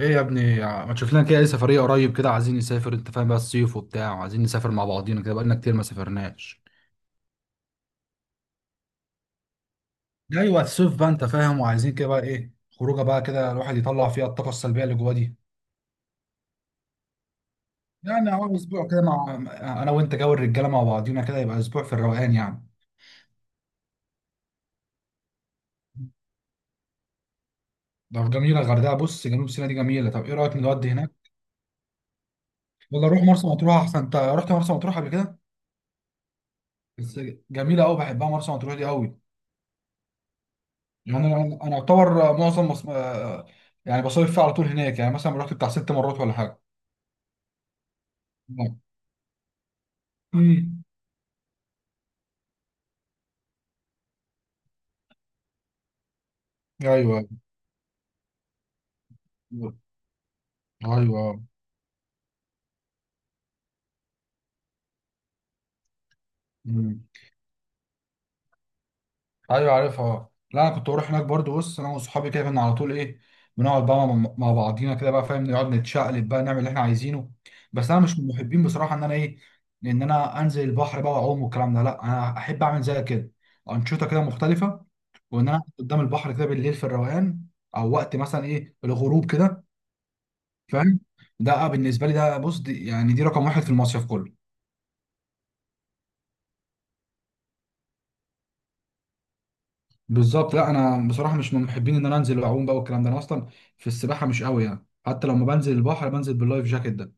ايه يا ابني، ما تشوف لنا كده اي سفريه قريب كده؟ عايزين نسافر، انت فاهم بقى، الصيف وبتاع، وعايزين نسافر مع بعضينا كده، بقالنا كتير ما سافرناش. ايوه، الصيف بقى انت فاهم، وعايزين كده بقى ايه. خروجه بقى كده، الواحد يطلع فيها الطاقه السلبيه اللي جواه دي. يعني اهو اسبوع كده مع انا وانت جو الرجاله مع بعضينا كده، يبقى اسبوع في الروقان يعني. طب جميله الغردقه، بص، جنوب سيناء دي جميله. طب ايه رايك نودي هناك؟ ولا نروح مرسى مطروح احسن؟ انت رحت مرسى مطروح قبل كده؟ بس جميله قوي، بحبها مرسى مطروح دي قوي. يعني انا اعتبر معظم مص... آه، يعني بصيف فيه على طول هناك، يعني مثلا رحت بتاع 6 مرات ولا حاجه. امم. ايوه. ايوه. امم. ايوه، عارفها. لا، انا كنت بروح هناك برضو، بص، انا وصحابي كده كنا على طول ايه، بنقعد بقى مع بعضينا كده بقى، فاهم؟ نقعد نتشقلب بقى، نعمل اللي احنا عايزينه. بس انا مش من محبين بصراحه ان انا انزل البحر بقى واعوم والكلام ده. لا، انا احب اعمل زي كده انشطه كده مختلفه. وان انا قدام البحر كده بالليل في الروقان، او وقت مثلا ايه الغروب كده، فاهم. ده بالنسبه لي، ده بص، دي يعني دي رقم واحد في المصيف كله. بالظبط. لا، انا بصراحه مش من محبين ان انا انزل واعوم بقى والكلام ده. انا اصلا في السباحه مش قوي يعني، حتى لما بنزل البحر بنزل باللايف جاكيت ده.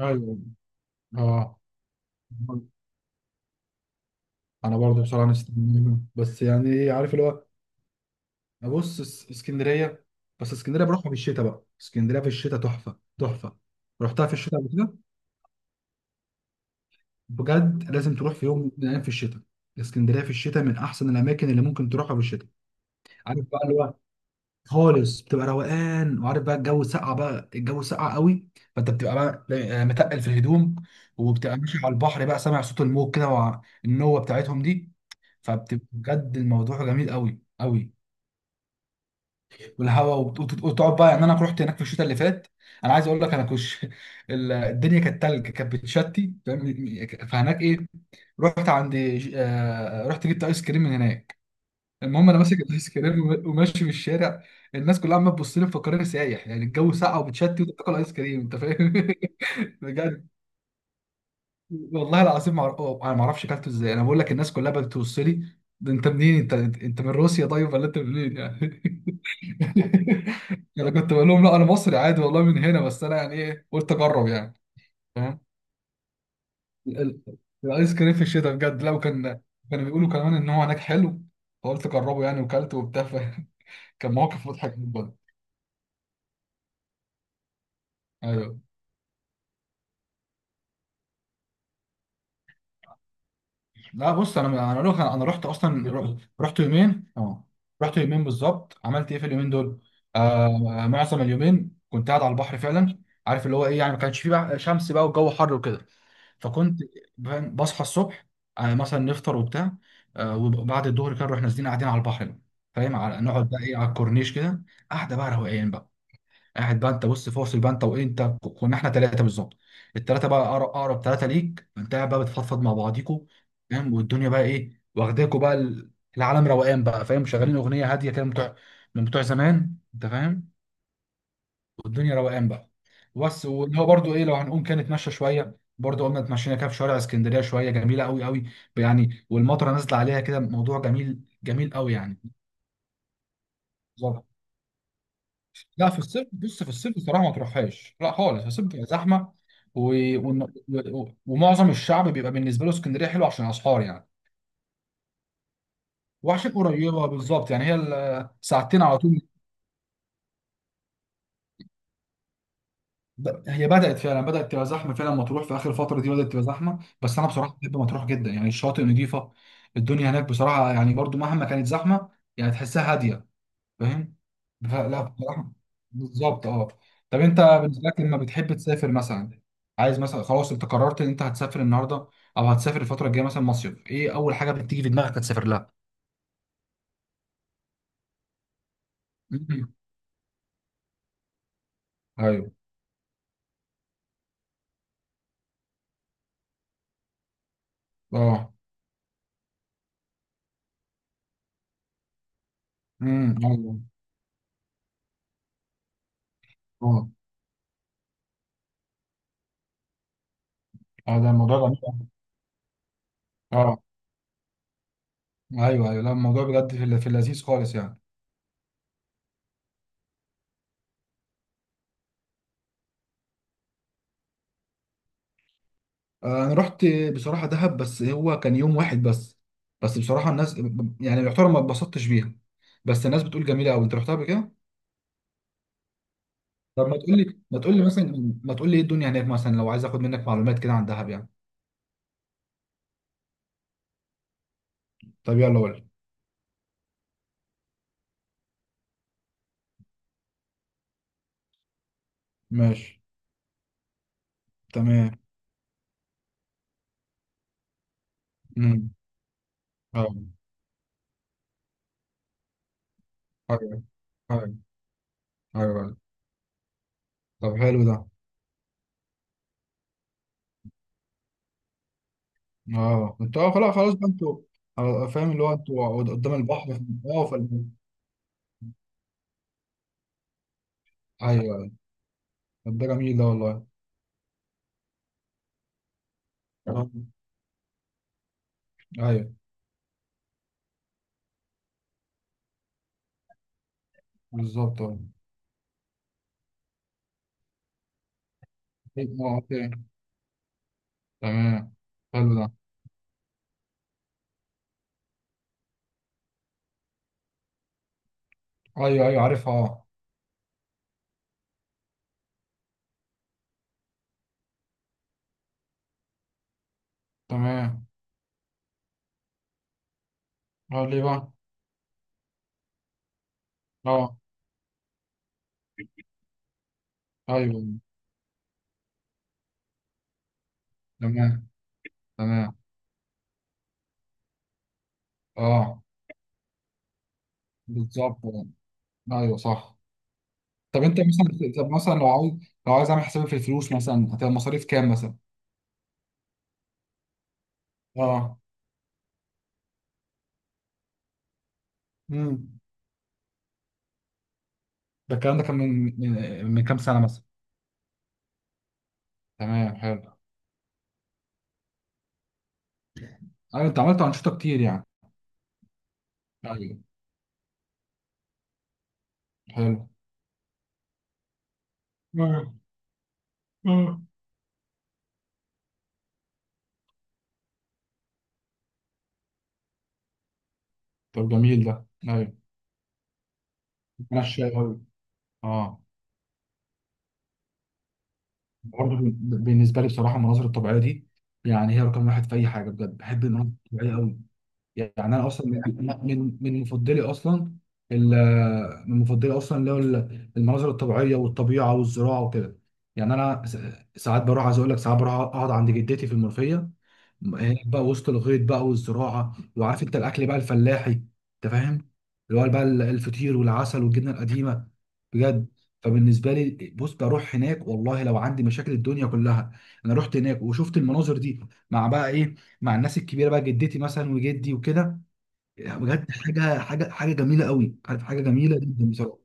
ايوه. اه، انا برضه بصراحه بس يعني ايه، عارف اللي هو. ابص، اسكندريه. بس اسكندريه بروحها في الشتاء بقى، اسكندريه في الشتاء تحفه تحفه. رحتها في الشتاء قبل كده؟ بجد، لازم تروح في يوم من الايام في الشتاء. اسكندريه في الشتاء من احسن الاماكن اللي ممكن تروحها في الشتاء. عارف بقى اللي هو، خالص بتبقى روقان. وعارف بقى الجو سقع بقى، الجو سقع قوي. فانت بتبقى بقى متقل في الهدوم. وبتبقى ماشي على البحر بقى، سامع صوت الموج كده، والنوة بتاعتهم دي. فبتبقى بجد الموضوع جميل قوي قوي. والهواء وتقعد بقى، يعني انا رحت هناك في الشتاء اللي فات. انا عايز اقول لك، انا الدنيا كانت تلج، كانت بتشتي، فاهم؟ فهناك ايه، رحت عند ج- آه، رحت جبت ايس كريم من هناك. المهم انا ماسك الايس كريم وماشي في الشارع. الناس كلها عماله تبص لي مفكراني سايح، يعني الجو ساقع وبتشتي وتاكل ايس كريم، انت فاهم. بجد، والله العظيم ما أعرف- أوه، انا ما اعرفش اكلته ازاي. انا بقول لك، الناس كلها بتبص لي، ده انت منين انت؟ انت من روسيا طيب ولا انت منين يعني؟ انا كنت بقول لهم لا، انا مصري عادي والله من هنا، بس انا يعني ايه، قلت اجرب يعني، فاهم. ال- ال- الايس كريم في الشتاء بجد، لو كان كانوا بيقولوا كمان ان هو هناك حلو، فقلت اجربه يعني وكلته وبتاع. كان موقف مضحك جدا. ايوه. لا بص، انا اقول لك، انا رحت اصلا رحت يومين اه. رحت يومين بالظبط، عملت ايه في اليومين دول؟ آه، معظم اليومين كنت قاعد على البحر فعلا. عارف اللي هو ايه؟ يعني ما كانش فيه بقى شمس بقى والجو حر وكده. فكنت فاهم، بصحى الصبح، مثلا نفطر وبتاع، وبعد الظهر كده نروح نازلين قاعدين على البحر. فاهم، على نقعد بقى ايه، على الكورنيش كده. قاعده بقى روقان بقى، قاعد بقى انت، بص فاصل بقى انت، وانت كنا احنا 3 بالظبط. الثلاثه بقى، اقرب اقرب 3 ليك، انت قاعد بقى بتفضفض مع بعضيكوا، فاهم، والدنيا بقى ايه واخداكوا بقى العالم روقان بقى، فاهم، شغالين اغنيه هاديه كده من بتوع زمان، انت فاهم. والدنيا روقان بقى. بس واللي هو برضو ايه، لو هنقوم كده نتمشى شويه، برضو قمنا اتمشينا كده في شوارع اسكندريه شويه، جميله قوي قوي يعني. والمطره نازله عليها كده، موضوع جميل جميل قوي يعني. لا في الصيف، بص، في الصيف بصراحه ما تروحهاش لا خالص، في الصيف بتبقى زحمه و... و... ومعظم الشعب بيبقى بالنسبه له اسكندريه حلوه عشان اسعار يعني. وعشان قريبه بالظبط، يعني هي ساعتين على طول. هي بدات فعلا، بدات تبقى زحمه فعلا مطروح في اخر الفتره دي، بدات تبقى زحمه. بس انا بصراحه بحب مطروح جدا يعني، الشاطئ نظيفه. الدنيا هناك بصراحه يعني، برضو مهما كانت زحمه، يعني تحسها هاديه، فاهم. فلا بصراحه. بالظبط اه. طب انت بالنسبه لك لما بتحب تسافر مثلا، عايز مثلا، خلاص انت قررت ان انت هتسافر النهارده او هتسافر الفتره الجايه مثلا، مصيف ايه اول حاجه بتيجي في دماغك هتسافر لها؟ مم. ايوه. اه. امم. ايوه. اه. اه، ده الموضوع جميل. اه، ايوه، ايوه، لا الموضوع بجد في في اللذيذ خالص يعني. انا رحت بصراحه دهب، بس هو كان يوم واحد بس. بس بصراحه الناس، يعني يعتبر ما اتبسطتش بيها. بس الناس بتقول جميله قوي. انت رحتها قبل كده؟ طب ما تقول لي ايه الدنيا هناك مثلا، لو عايز اخد منك معلومات كده عن دهب يعني. طب يلا قول لي. ماشي. تمام. امم. اه. ايوه. ايوه. ايوه. طب حلو ده. اه، انت. اه، خلاص، خلاص بقى انتوا. فاهم اللي هو انتوا قدام البحر ايوه، ايوه. طب ده جميل ده والله. آه، ايوه بالظبط اه. اه، اوكي. تمام. حلو ده. ايوه، ايوه عارفها اه. تمام. اه، ليه بقى؟ اه. ايوه، تمام تمام. اه، بالظبط. ايوه صح. طب انت مثلا، طب مثلا لو عايز اعمل حسابي في الفلوس مثلا، هتبقى مصاريف كام مثلا؟ اه. امم. ده الكلام ده كان من كام سنه مثلا؟ تمام حلو. ايوه، انت عملت انشطه كتير يعني. ايوه. حلو. اه. اه، طب جميل ده. ايوه، انا الشاي أوي. اه، برضه بالنسبه لي بصراحه المناظر الطبيعيه دي، يعني هي رقم واحد في اي حاجه، بجد بحب المناظر الطبيعيه قوي. يعني انا اصلا من مفضلي اصلا، من مفضلي اصلا اللي هو المناظر الطبيعيه والطبيعه والزراعه وكده. يعني انا ساعات بروح، عايز اقول لك ساعات بروح اقعد عند جدتي في المنوفيه، هناك بقى وسط الغيط بقى والزراعه، وعارف انت الاكل بقى الفلاحي، انت فاهم، اللي هو بقى الفطير والعسل والجبنه القديمه. بجد، فبالنسبه لي بص بروح هناك والله، لو عندي مشاكل الدنيا كلها انا رحت هناك وشفت المناظر دي، مع بقى ايه، مع الناس الكبيره بقى جدتي مثلا وجدي وكده. يعني بجد حاجه جميله قوي، عارف حاجه جميله جدا بصراحه.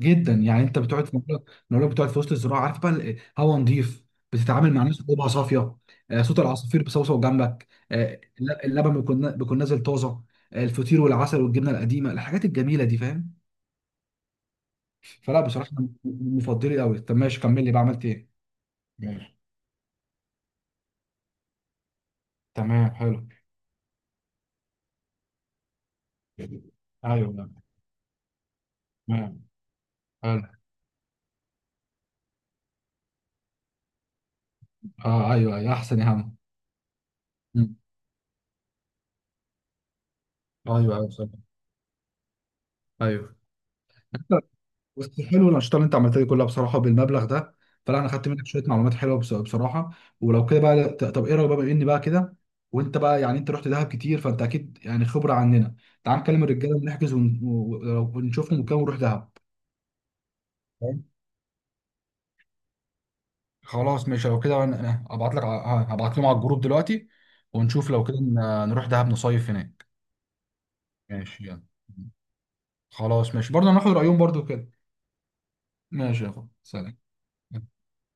جدا يعني، انت بتقعد في مكان، لو بتقعد في وسط الزراعه، عارف بقى هوا نظيف، بتتعامل مع ناس قلوبها صافيه. صوت العصافير بصوصو جنبك، اللبن بيكون نازل طازه. الفطير والعسل والجبنه القديمه، الحاجات الجميله دي، فاهم. فلا بصراحه من مفضلي قوي. طب ماشي، كمل لي بقى، عملت ايه؟ ماشي. تمام حلو. ايوه. تمام حلو. اه. ايوه، ايوه احسن يا عم. مم. ايوه، ايوه صح. ايوه. بس حلو الانشطه اللي انت عملتها دي كلها بصراحه بالمبلغ ده. فلا انا خدت منك شويه معلومات حلوه، بصراحه. ولو كده بقى، طب ايه رايك بقى، بما اني بقى كده، وانت بقى يعني انت رحت دهب كتير، فانت اكيد يعني خبره عننا، تعال نكلم الرجاله ونحجز ونشوفهم وكده ونروح دهب. تمام؟ خلاص ماشي، لو كده انا هبعت لك، هبعت لهم على الجروب دلوقتي، ونشوف لو كده نروح دهب نصيف هناك. ماشي يلا. خلاص ماشي، برضه هناخد رايهم برضه كده. ماشي يا اخو، سلام.